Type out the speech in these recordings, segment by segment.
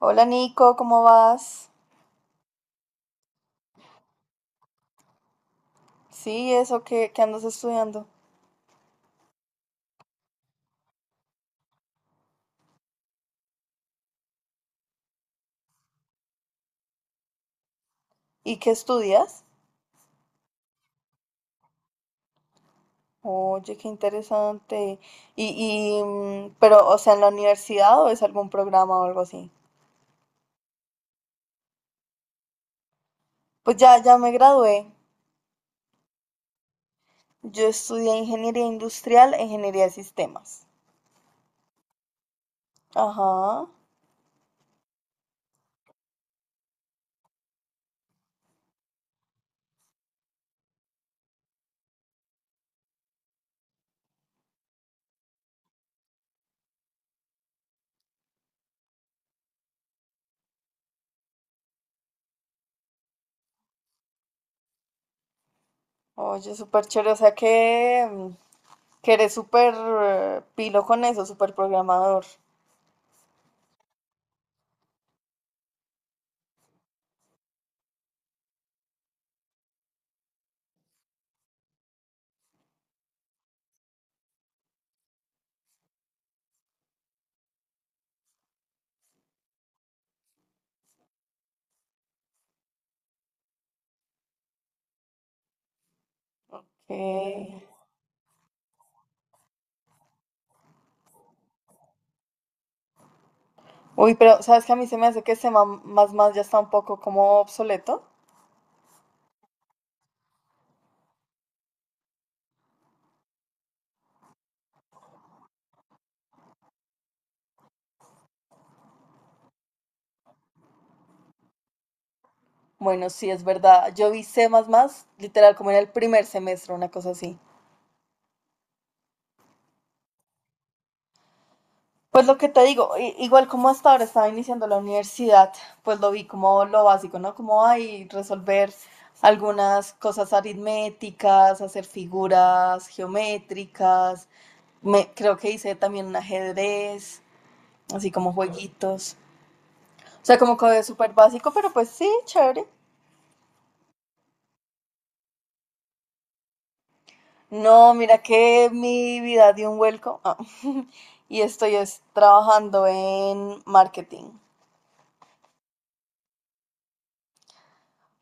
Hola Nico, ¿cómo vas? Sí, eso que andas estudiando. ¿Y qué estudias? Oye, qué interesante. Pero, o sea, ¿en la universidad o es algún programa o algo así? Pues ya me gradué. Yo estudié ingeniería industrial e ingeniería de sistemas. Ajá. Oye, súper chévere. O sea que, que eres súper pilo con eso, súper programador. Que- Uy, pero sabes que a mí se me hace que ese más ya está un poco como obsoleto. Bueno, sí, es verdad. Yo vi C++, literal, como en el primer semestre, una cosa así. Pues lo que te digo, igual como hasta ahora estaba iniciando la universidad, pues lo vi como lo básico, ¿no? Como hay resolver algunas cosas aritméticas, hacer figuras geométricas. Creo que hice también un ajedrez, así como jueguitos. O sea, como que súper básico, pero pues sí, chévere. No, mira que mi vida dio un vuelco ah, y estoy es trabajando en marketing.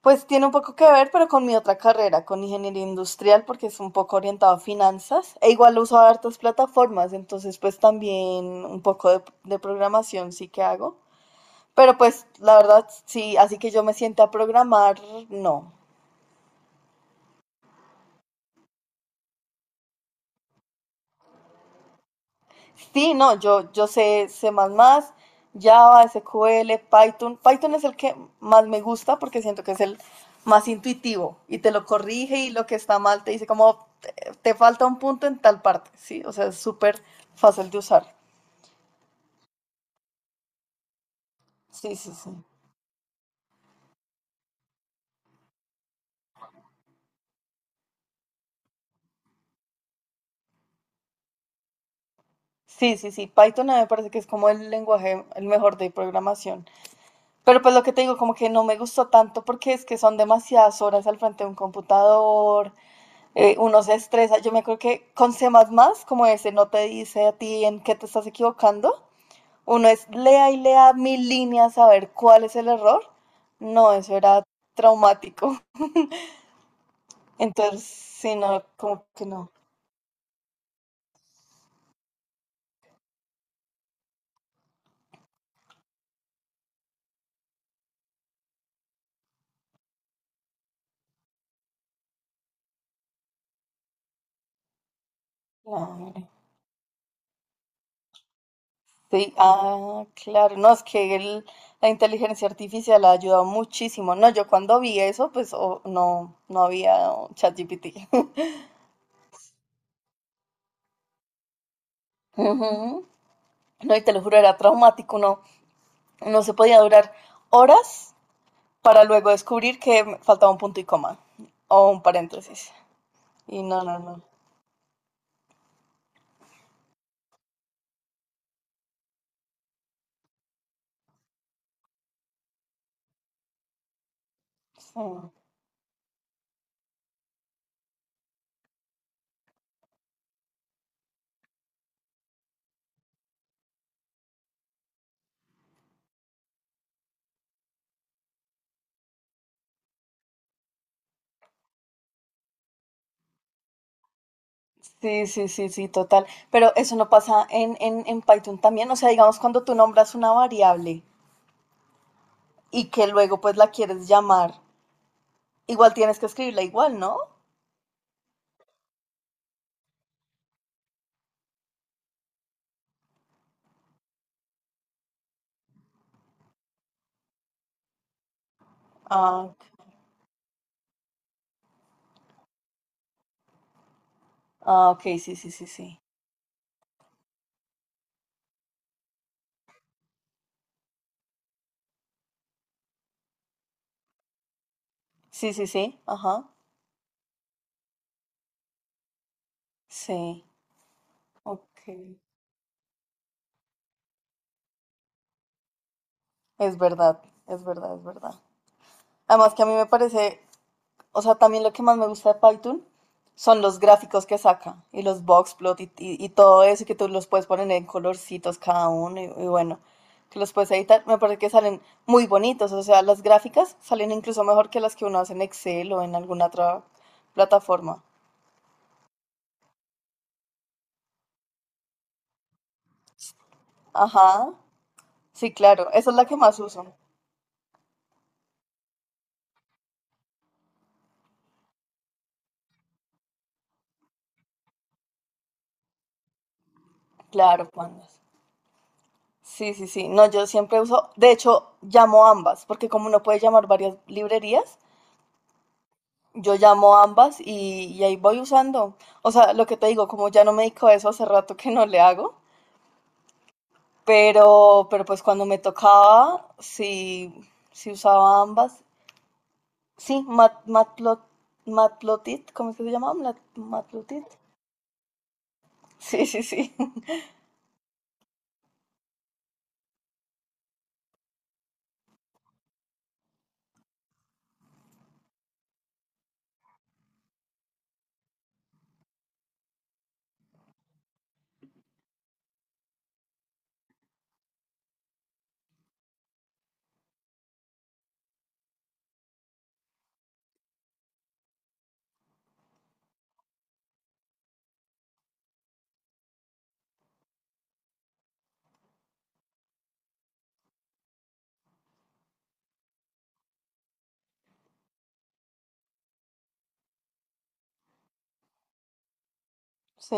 Pues tiene un poco que ver, pero con mi otra carrera, con ingeniería industrial, porque es un poco orientado a finanzas. E igual uso hartas plataformas, entonces pues también un poco de programación sí que hago. Pero pues la verdad, sí, así que yo me siente a programar, no. Sí, no, yo sé C++, Java, SQL, Python. Python es el que más me gusta porque siento que es el más intuitivo y te lo corrige y lo que está mal te dice como te falta un punto en tal parte, ¿sí? O sea, es súper fácil de usar. Sí, sí, sí. Sí, sí, sí. Python a mí me parece que es como el lenguaje, el mejor de programación. Pero pues lo que te digo, como que no me gustó tanto porque es que son demasiadas horas al frente de un computador, uno se estresa. Yo me acuerdo que con C++, como ese, no te dice a ti en qué te estás equivocando. Uno es lea y lea mil líneas a ver cuál es el error. No, eso era traumático. Entonces, sí, no, como que no. Claro. Sí, ah, claro. No, es que la inteligencia artificial ha ayudado muchísimo. No, yo cuando vi eso, pues no, no había ChatGPT. Ujú. No, y te lo juro, era traumático, no, no se podía durar horas para luego descubrir que me faltaba un punto y coma o un paréntesis. Y no. Sí, sí, sí, sí, sí, total. Pero eso no pasa en Python también. O sea, digamos, cuando tú nombras una variable y que luego pues la quieres llamar, igual tienes que escribirla igual, ¿no? Ah, ok, sí, sí, sí, sí. Sí, sí, sí, ajá. Sí, ok. Es verdad, es verdad, es verdad. Además que a mí me parece o sea, también lo que más me gusta de Python son los gráficos que saca y los boxplot y todo eso que tú los puedes poner en colorcitos cada uno y bueno, que los puedes editar. Me parece que salen muy bonitos, o sea, las gráficas salen incluso mejor que las que uno hace en Excel o en alguna otra plataforma. Ajá, sí, claro, esa es la que más uso. Claro, pandas. Sí, sí, sí. No, yo siempre uso, de hecho, llamo ambas, porque como uno puede llamar varias librerías, yo llamo ambas y ahí voy usando. O sea, lo que te digo, como ya no me dedico a eso, hace rato que no le hago, pero pues cuando me tocaba, sí, sí usaba ambas. Sí, Mat, Matplot, Matplotit, ¿cómo es que se llama? Matplotit. Sí, sí, sí. Sí,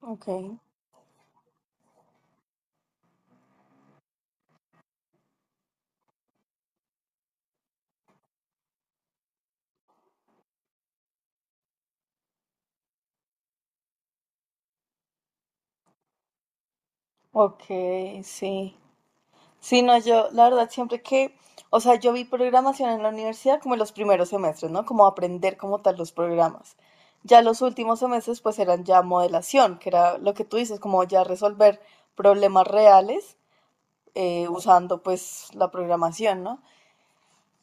ok. Ok, sí. Sí, no, yo, la verdad, siempre que, o sea, yo vi programación en la universidad como en los primeros semestres, ¿no? Como aprender como tal los programas. Ya los últimos semestres, pues eran ya modelación, que era lo que tú dices, como ya resolver problemas reales usando pues la programación, ¿no?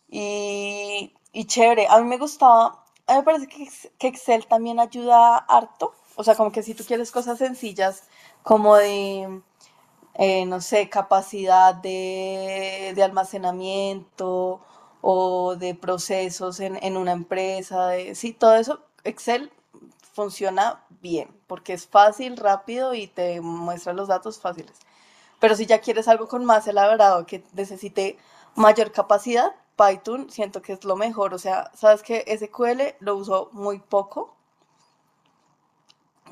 Y chévere, a mí me gustaba, a mí me parece que, que Excel también ayuda harto, o sea, como que si tú quieres cosas sencillas, como de no sé, capacidad de almacenamiento o de procesos en una empresa. Sí, todo eso, Excel funciona bien porque es fácil, rápido y te muestra los datos fáciles. Pero si ya quieres algo con más elaborado que necesite mayor capacidad, Python siento que es lo mejor. O sea, sabes que SQL lo uso muy poco.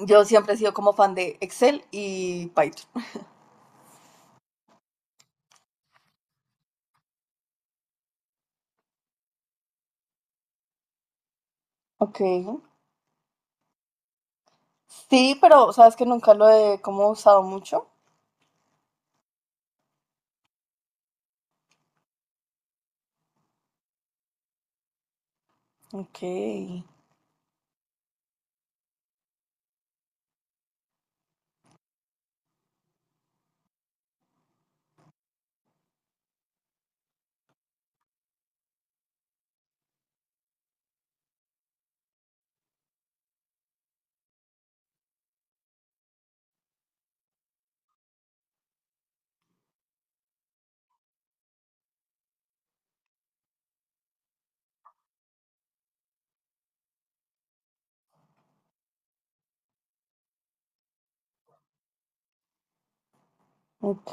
Yo siempre he sido como fan de Excel y Python. Ok. Sí, pero sabes que nunca lo he como usado mucho. Ok, ok.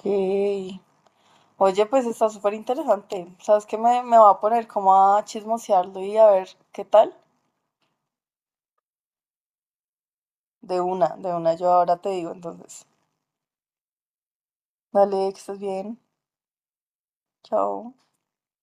Oye, pues está súper interesante. Sabes que me va a poner como a chismosearlo y a ver qué tal. De una, yo ahora te digo entonces. Dale, que estés bien. Chao.